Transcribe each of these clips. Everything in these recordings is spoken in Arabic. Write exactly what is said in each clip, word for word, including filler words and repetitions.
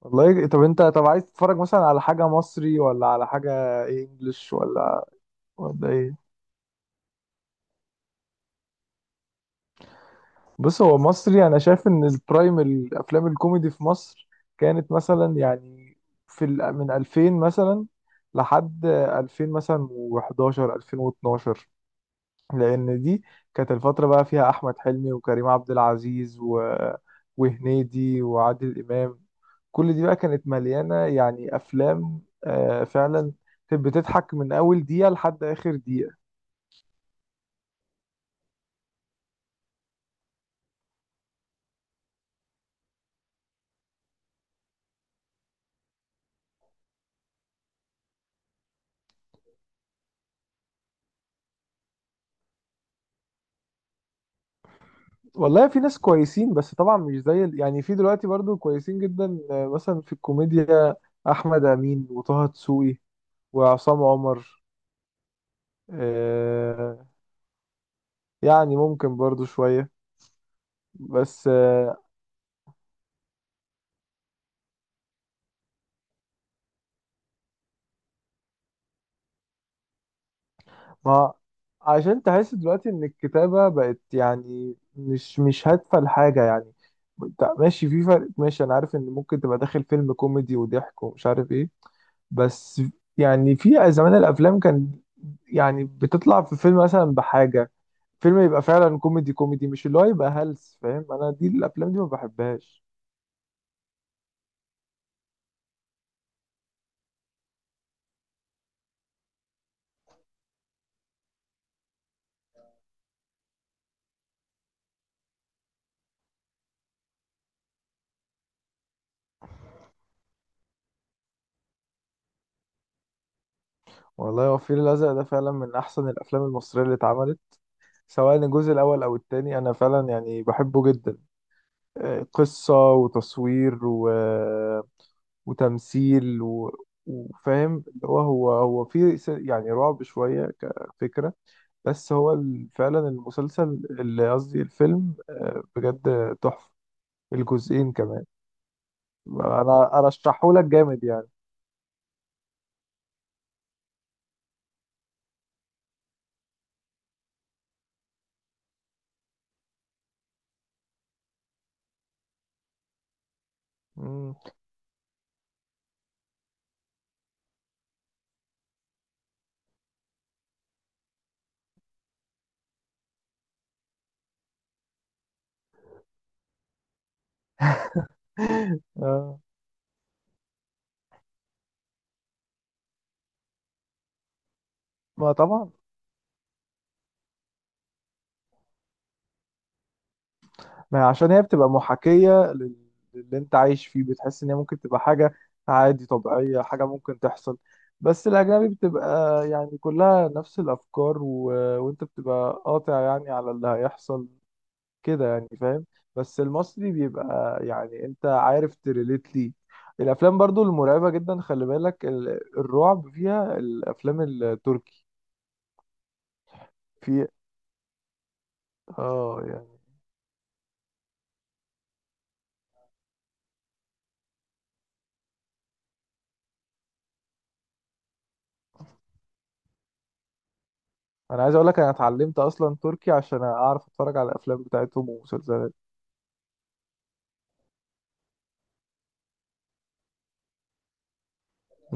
والله طب انت طب عايز تتفرج مثلا على حاجة مصري، ولا على حاجة ايه، انجلش، ولا ولا ايه؟ بص، هو مصري. انا شايف ان البرايم الافلام الكوميدي في مصر كانت مثلا يعني في ال- من ألفين مثلا لحد ألفين مثلا و11 ألفين واتناشر، لان دي كانت الفترة بقى فيها احمد حلمي وكريم عبد العزيز و... وهنيدي وعادل امام. كل دي بقى كانت مليانة يعني أفلام، آه فعلا كانت بتضحك من أول دقيقة لحد آخر دقيقة. والله في ناس كويسين، بس طبعا مش زي ال- يعني في دلوقتي برضو كويسين جدا. آه مثلا في الكوميديا أحمد أمين وطه دسوقي وعصام عمر. آه يعني ممكن برضو شوية، بس آه، ما عشان تحس دلوقتي ان الكتابة بقت يعني مش مش هادفة لحاجة يعني. انت ماشي في فرق، ماشي، انا عارف ان ممكن تبقى داخل فيلم كوميدي وضحك ومش عارف ايه، بس يعني في زمان الافلام كان يعني بتطلع في فيلم مثلا بحاجة، فيلم يبقى فعلا كوميدي كوميدي، مش اللي هو يبقى هلس. فاهم، انا دي الافلام دي ما بحبهاش. والله هو الفيل الازرق ده فعلا من احسن الافلام المصرية اللي اتعملت، سواء الجزء الاول او التاني. انا فعلا يعني بحبه جدا، قصة وتصوير و... وتمثيل و... وفاهم اللي هو هو هو في س- يعني رعب شوية كفكرة. بس هو ال- فعلا المسلسل، اللي قصدي الفيلم، آه، بجد تحفة، الجزئين كمان. انا انا ارشحهولك جامد يعني. مم. آه، ما طبعا. ما هي عشان هي بتبقى محاكية لل- للي انت عايش فيه، بتحس ان هي ممكن تبقى حاجة عادي طبيعية، حاجة ممكن تحصل. بس الأجنبي بتبقى يعني كلها نفس الأفكار و... وانت بتبقى قاطع يعني على اللي هيحصل كده، يعني فاهم. بس المصري بيبقى يعني انت عارف تريليت ليه. الأفلام برضو المرعبة جدا، خلي بالك ال- الرعب فيها الأفلام التركي. في اه يعني انا عايز اقول لك، انا اتعلمت اصلا تركي عشان اعرف اتفرج على الافلام بتاعتهم ومسلسلات.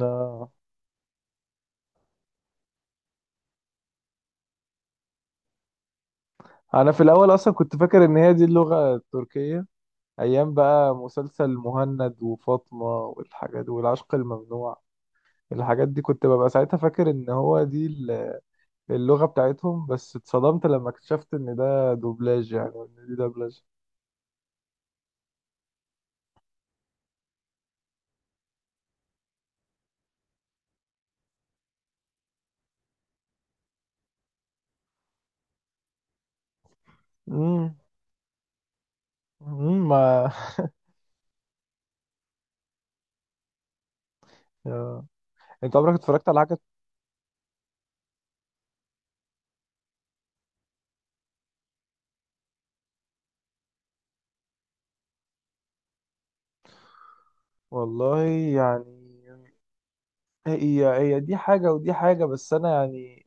آه. انا في الاول اصلا كنت فاكر ان هي دي اللغة التركية، ايام بقى مسلسل مهند وفاطمة والحاجات والعشق الممنوع. الحاجات دي كنت ببقى ساعتها فاكر ان هو دي ال- اللغة بتاعتهم، بس اتصدمت لما اكتشفت ان ده دوبلاج يعني، وان دي دبلجة. امم امم ما. آه. انت عمرك اتفرجت على حاجة؟ والله يعني هي هي دي حاجة ودي حاجة، بس انا يعني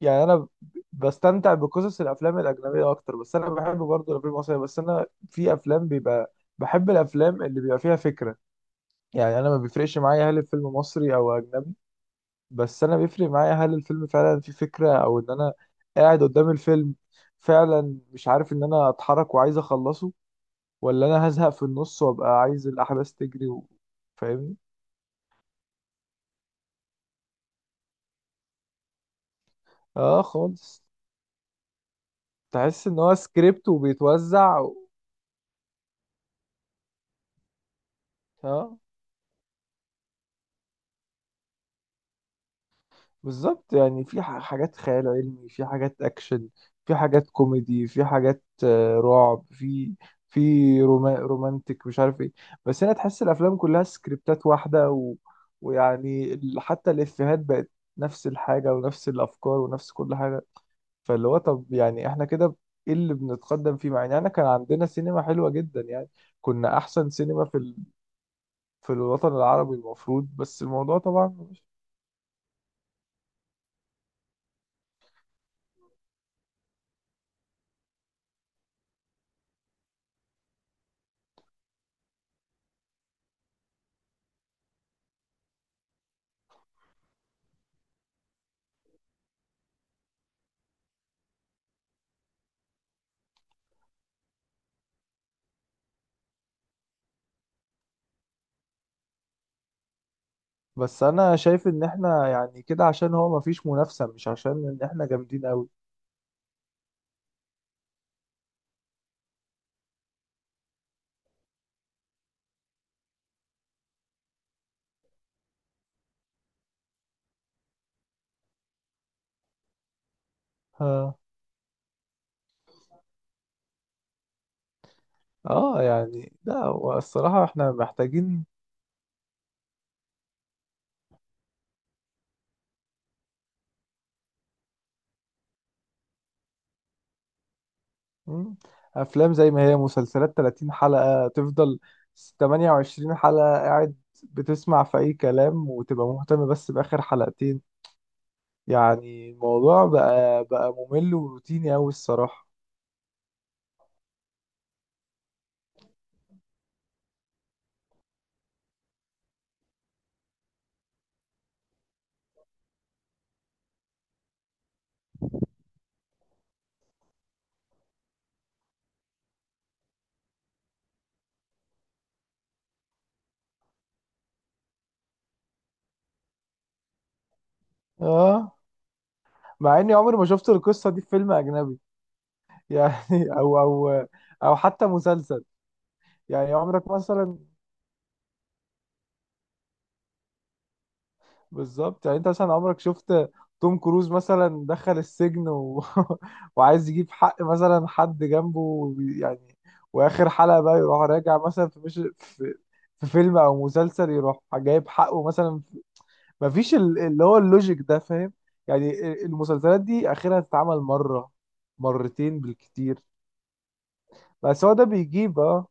يعني انا ب- بستمتع بقصص الافلام الاجنبيه اكتر، بس انا بحب برضه الافلام المصريه. بس انا في افلام بيبقى، بحب الافلام اللي بيبقى فيها فكره. يعني انا ما بيفرقش معايا هل الفيلم مصري او اجنبي، بس انا بيفرق معايا هل الفيلم فعلا فيه فكره، او ان انا قاعد قدام الفيلم فعلا مش عارف ان انا اتحرك وعايز اخلصه، ولا انا هزهق في النص وابقى عايز الاحداث تجري و... فاهمني؟ اه خالص. تحس ان هو سكريبت وبيتوزع و... اه بالظبط يعني في ح- حاجات خيال علمي، في حاجات اكشن، في حاجات كوميدي، في حاجات آه، رعب، في في روما رومانتك مش عارف ايه. بس انا تحس الافلام كلها سكريبتات واحده و... ويعني ال- حتى الافيهات بقت نفس الحاجه ونفس الافكار ونفس كل حاجه. فاللي هو طب يعني احنا كده ايه اللي بنتقدم فيه، مع ان احنا كان عندنا سينما حلوه جدا يعني. كنا احسن سينما في ال... في الوطن العربي المفروض، بس الموضوع طبعا. بس انا شايف ان احنا يعني كده عشان هو مفيش منافسة، مش عشان ان احنا جامدين قوي. ها، اه يعني، لا، هو الصراحة احنا محتاجين. مم، افلام زي ما هي، مسلسلات ثلاثين حلقة تفضل، ثمانية وعشرين حلقة قاعد بتسمع في اي كلام وتبقى مهتم بس باخر حلقتين. يعني الموضوع بقى بقى ممل وروتيني قوي الصراحة. اه، مع اني عمري ما شفت القصة دي في فيلم اجنبي يعني، او او او حتى مسلسل. يعني عمرك مثلا، بالظبط يعني انت مثلا عمرك شفت توم كروز مثلا دخل السجن و... وعايز يجيب حق مثلا حد جنبه وبي- يعني، واخر حلقة بقى يروح راجع مثلا في مش في في فيلم او مسلسل يروح جايب حقه مثلا. مفيش ال- اللي هو اللوجيك ده، فاهم؟ يعني ال- المسلسلات دي اخرها تتعمل مرة، مرتين بالكتير. بس هو ده بيجيب اه.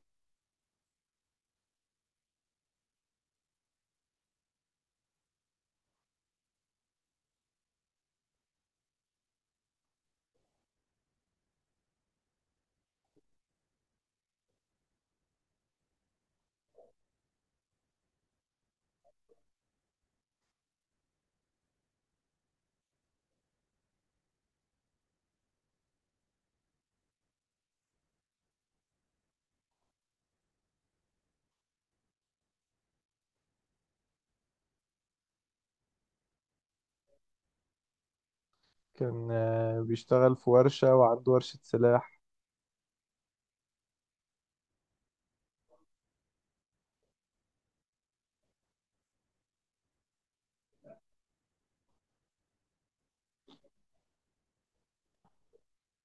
كان آه، بيشتغل في ورشة، وعنده ورشة سلاح.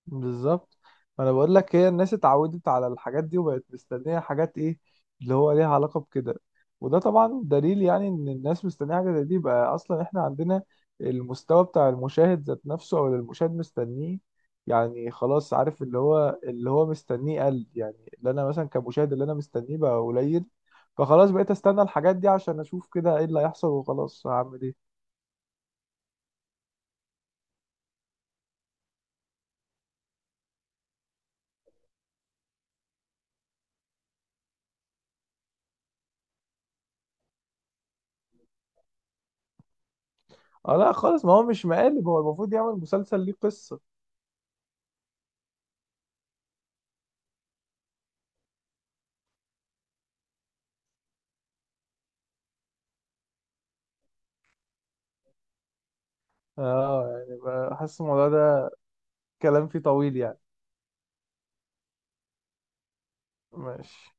بالظبط. ما انا بقول لك، هي الناس اتعودت على الحاجات دي وبقت مستنيه حاجات ايه اللي هو ليها علاقه بكده، وده طبعا دليل يعني ان الناس مستنيه حاجه زي دي. بقى اصلا احنا عندنا المستوى بتاع المشاهد ذات نفسه، او اللي المشاهد مستنيه. يعني خلاص، عارف اللي هو اللي هو مستنيه قل، يعني اللي انا مثلا كمشاهد اللي انا مستنيه بقى قليل. فخلاص بقيت استنى الحاجات دي عشان اشوف كده ايه اللي هيحصل، وخلاص هعمل ايه. اه لا خالص، ما هو مش مقالب، هو المفروض يعمل مسلسل ليه قصه. اه يعني بحس الموضوع ده كلام فيه طويل يعني. ماشي.